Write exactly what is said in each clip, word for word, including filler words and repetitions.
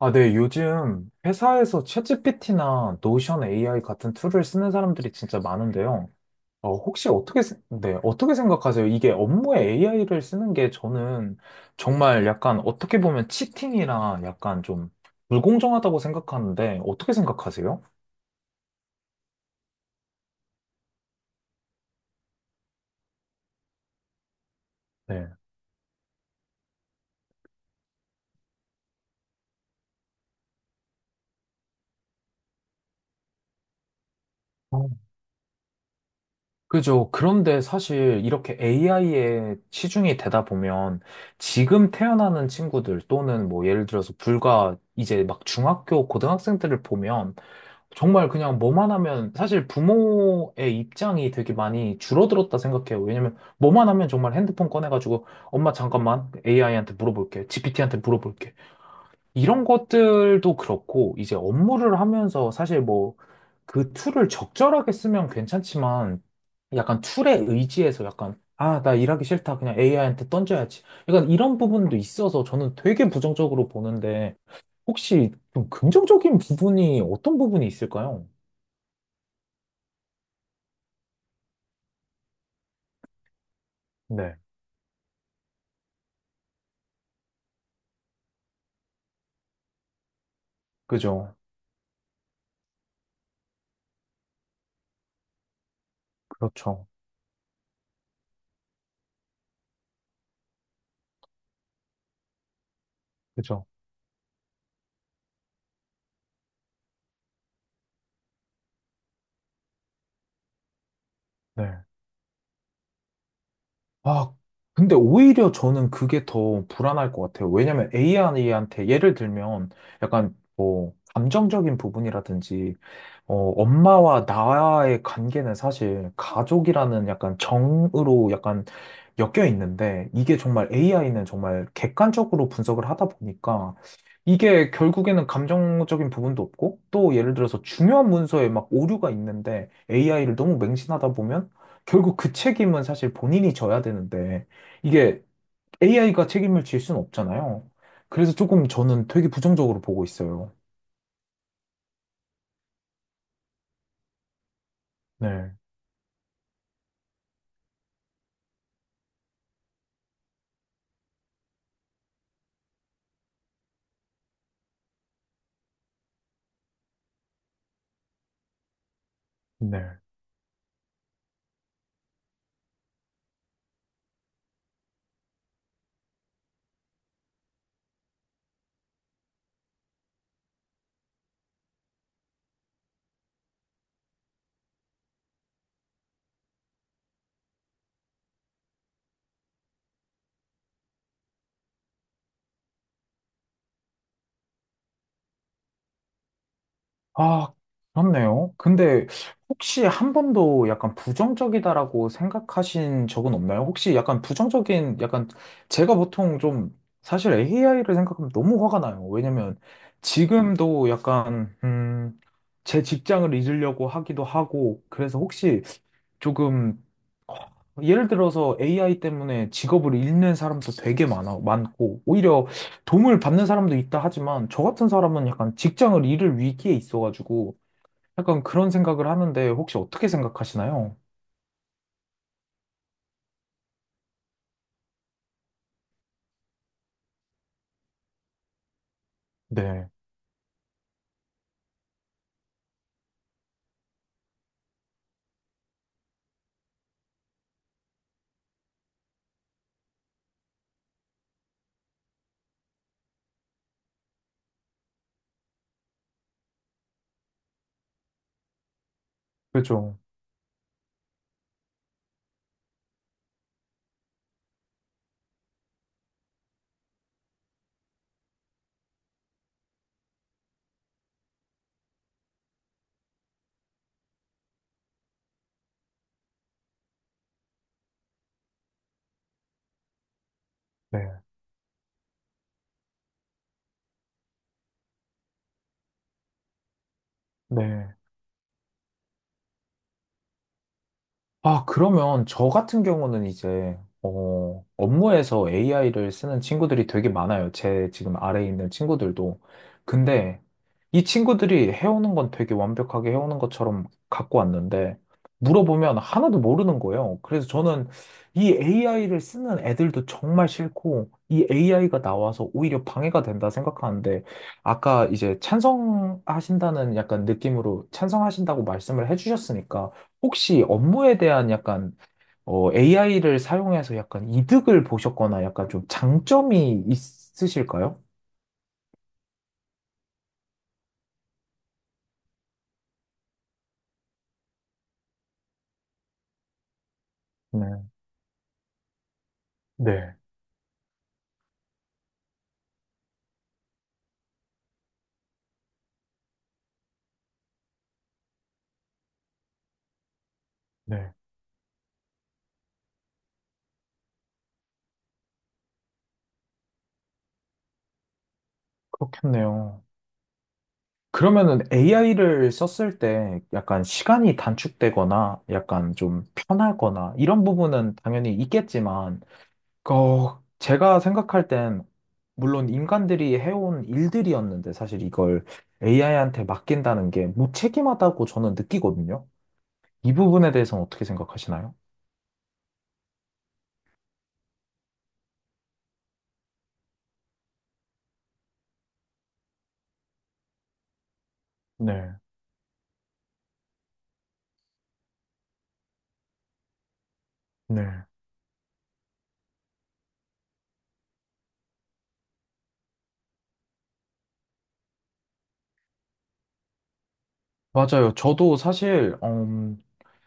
아, 네. 요즘 회사에서 챗지피티나 노션 에이아이 같은 툴을 쓰는 사람들이 진짜 많은데요. 어, 혹시 어떻게, 세- 네, 어떻게 생각하세요? 이게 업무에 에이아이를 쓰는 게 저는 정말 약간 어떻게 보면 치팅이라 약간 좀 불공정하다고 생각하는데 어떻게 생각하세요? 네. 어, 그죠. 그런데 사실 이렇게 에이아이에 치중이 되다 보면 지금 태어나는 친구들 또는 뭐 예를 들어서 불과 이제 막 중학교, 고등학생들을 보면 정말 그냥 뭐만 하면 사실 부모의 입장이 되게 많이 줄어들었다 생각해요. 왜냐면 뭐만 하면 정말 핸드폰 꺼내가지고 엄마 잠깐만 에이아이한테 물어볼게, 지피티한테 물어볼게. 이런 것들도 그렇고 이제 업무를 하면서 사실 뭐 그 툴을 적절하게 쓰면 괜찮지만 약간 툴에 의지해서 약간 아, 나 일하기 싫다. 그냥 에이아이한테 던져야지. 약간 이런 부분도 있어서 저는 되게 부정적으로 보는데 혹시 좀 긍정적인 부분이 어떤 부분이 있을까요? 네. 그죠. 그렇죠. 그죠. 네. 아, 근데 오히려 저는 그게 더 불안할 것 같아요. 왜냐면 에이아이한테 예를 들면 약간 뭐 감정적인 부분이라든지 어, 엄마와 나와의 관계는 사실 가족이라는 약간 정으로 약간 엮여 있는데 이게 정말 에이아이는 정말 객관적으로 분석을 하다 보니까 이게 결국에는 감정적인 부분도 없고 또 예를 들어서 중요한 문서에 막 오류가 있는데 에이아이를 너무 맹신하다 보면 결국 그 책임은 사실 본인이 져야 되는데 이게 에이아이가 책임을 질 수는 없잖아요. 그래서 조금 저는 되게 부정적으로 보고 있어요. 네, 네. 아, 그렇네요. 근데 혹시 한 번도 약간 부정적이다라고 생각하신 적은 없나요? 혹시 약간 부정적인, 약간 제가 보통 좀 사실 에이아이를 생각하면 너무 화가 나요. 왜냐면 지금도 약간, 음, 제 직장을 잊으려고 하기도 하고, 그래서 혹시 조금 예를 들어서 에이아이 때문에 직업을 잃는 사람도 되게 많아, 많고, 오히려 도움을 받는 사람도 있다 하지만, 저 같은 사람은 약간 직장을 잃을 위기에 있어가지고, 약간 그런 생각을 하는데, 혹시 어떻게 생각하시나요? 네, 그죠. 렇 네, 네. 아, 그러면 저 같은 경우는 이제, 어, 업무에서 에이아이를 쓰는 친구들이 되게 많아요. 제 지금 아래에 있는 친구들도. 근데, 이 친구들이 해오는 건 되게 완벽하게 해오는 것처럼 갖고 왔는데, 물어보면 하나도 모르는 거예요. 그래서 저는 이 에이아이를 쓰는 애들도 정말 싫고, 이 에이아이가 나와서 오히려 방해가 된다 생각하는데, 아까 이제 찬성하신다는 약간 느낌으로 찬성하신다고 말씀을 해주셨으니까, 혹시 업무에 대한 약간, 에이아이를 사용해서 약간 이득을 보셨거나 약간 좀 장점이 있으실까요? 네. 네, 네. 그렇겠네요. 그러면은 에이아이를 썼을 때 약간 시간이 단축되거나 약간 좀 편하거나 이런 부분은 당연히 있겠지만, 어, 제가 생각할 땐 물론 인간들이 해온 일들이었는데 사실 이걸 에이아이한테 맡긴다는 게 무책임하다고 저는 느끼거든요. 이 부분에 대해서는 어떻게 생각하시나요? 네, 네. 맞아요. 저도 사실,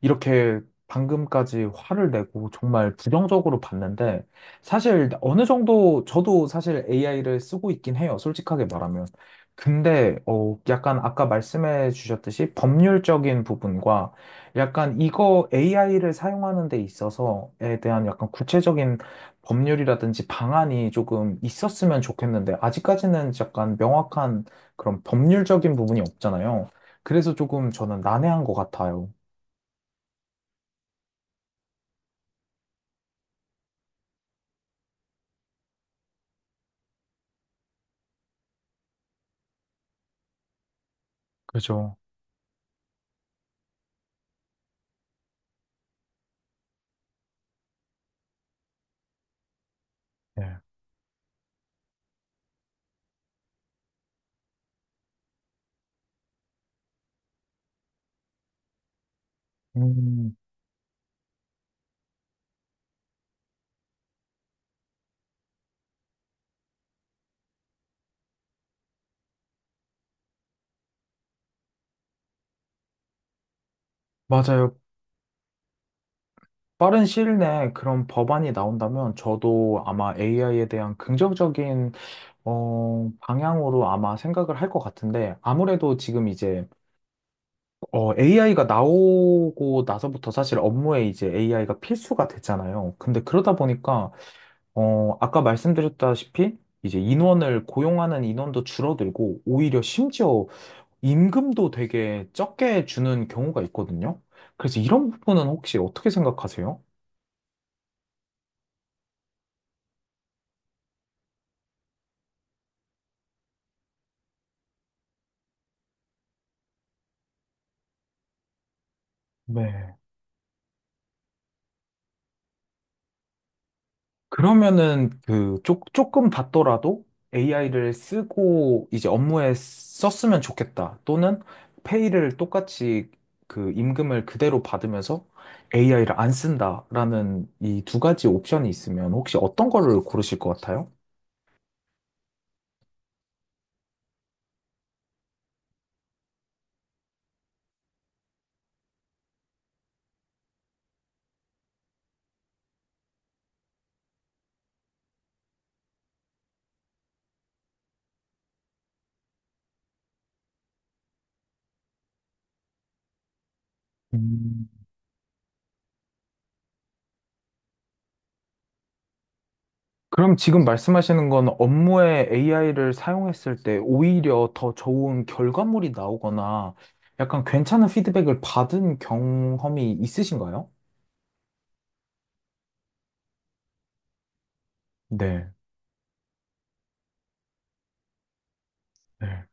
이렇게 방금까지 화를 내고 정말 부정적으로 봤는데 사실 어느 정도 저도 사실 에이아이를 쓰고 있긴 해요. 솔직하게 말하면. 근데 어 약간 아까 말씀해 주셨듯이 법률적인 부분과 약간 이거 에이아이를 사용하는 데 있어서에 대한 약간 구체적인 법률이라든지 방안이 조금 있었으면 좋겠는데 아직까지는 약간 명확한 그런 법률적인 부분이 없잖아요. 그래서 조금 저는 난해한 것 같아요. 그죠? 네. 음, 맞아요. 빠른 시일 내에 그런 법안이 나온다면 저도 아마 에이아이에 대한 긍정적인 어, 방향으로 아마 생각을 할 것 같은데 아무래도 지금 이제 에이아이가 나오고 나서부터 사실 업무에 이제 에이아이가 필수가 됐잖아요. 근데 그러다 보니까 어, 아까 말씀드렸다시피 이제 인원을 고용하는 인원도 줄어들고 오히려 심지어 임금도 되게 적게 주는 경우가 있거든요. 그래서 이런 부분은 혹시 어떻게 생각하세요? 네. 그러면은 그 조, 조금 받더라도 에이아이를 쓰고 이제 업무에 썼으면 좋겠다. 또는 페이를 똑같이 그 임금을 그대로 받으면서 에이아이를 안 쓴다라는 이 두 가지 옵션이 있으면 혹시 어떤 거를 고르실 것 같아요? 그럼 지금 말씀하시는 건 업무에 에이아이를 사용했을 때 오히려 더 좋은 결과물이 나오거나 약간 괜찮은 피드백을 받은 경험이 있으신가요? 네, 네,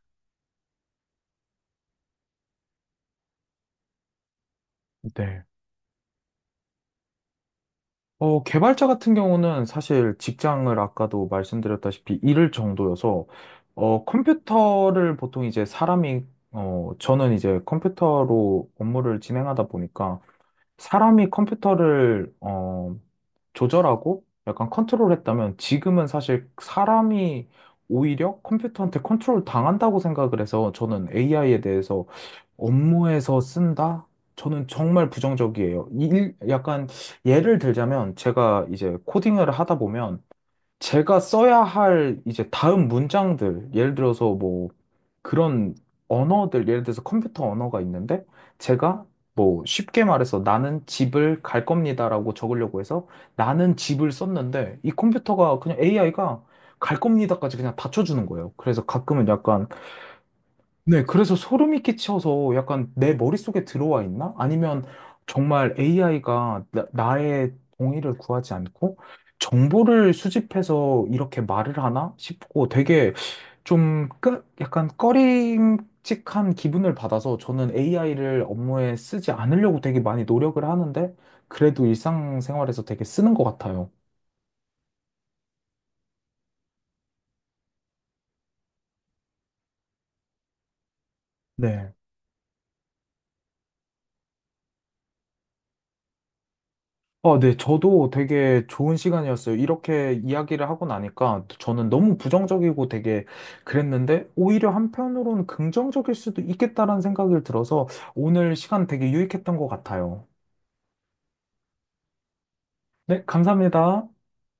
네. 어, 개발자 같은 경우는 사실 직장을 아까도 말씀드렸다시피 잃을 정도여서 어, 컴퓨터를 보통 이제 사람이 어, 저는 이제 컴퓨터로 업무를 진행하다 보니까 사람이 컴퓨터를 어, 조절하고 약간 컨트롤했다면 지금은 사실 사람이 오히려 컴퓨터한테 컨트롤 당한다고 생각을 해서 저는 에이아이에 대해서 업무에서 쓴다? 저는 정말 부정적이에요. 일, 약간 예를 들자면 제가 이제 코딩을 하다 보면 제가 써야 할 이제 다음 문장들, 예를 들어서 뭐 그런 언어들, 예를 들어서 컴퓨터 언어가 있는데 제가 뭐 쉽게 말해서 나는 집을 갈 겁니다라고 적으려고 해서 나는 집을 썼는데 이 컴퓨터가 그냥 에이아이가 갈 겁니다까지 그냥 다 쳐주는 거예요. 그래서 가끔은 약간 네, 그래서 소름이 끼쳐서 약간 내 머릿속에 들어와 있나? 아니면 정말 에이아이가 나, 나의 동의를 구하지 않고 정보를 수집해서 이렇게 말을 하나 싶고 되게 좀 끄, 약간 꺼림칙한 기분을 받아서 저는 에이아이를 업무에 쓰지 않으려고 되게 많이 노력을 하는데 그래도 일상생활에서 되게 쓰는 것 같아요. 네. 아, 네, 저도 되게 좋은 시간이었어요. 이렇게 이야기를 하고 나니까 저는 너무 부정적이고 되게 그랬는데 오히려 한편으로는 긍정적일 수도 있겠다라는 생각이 들어서 오늘 시간 되게 유익했던 것 같아요. 네, 감사합니다.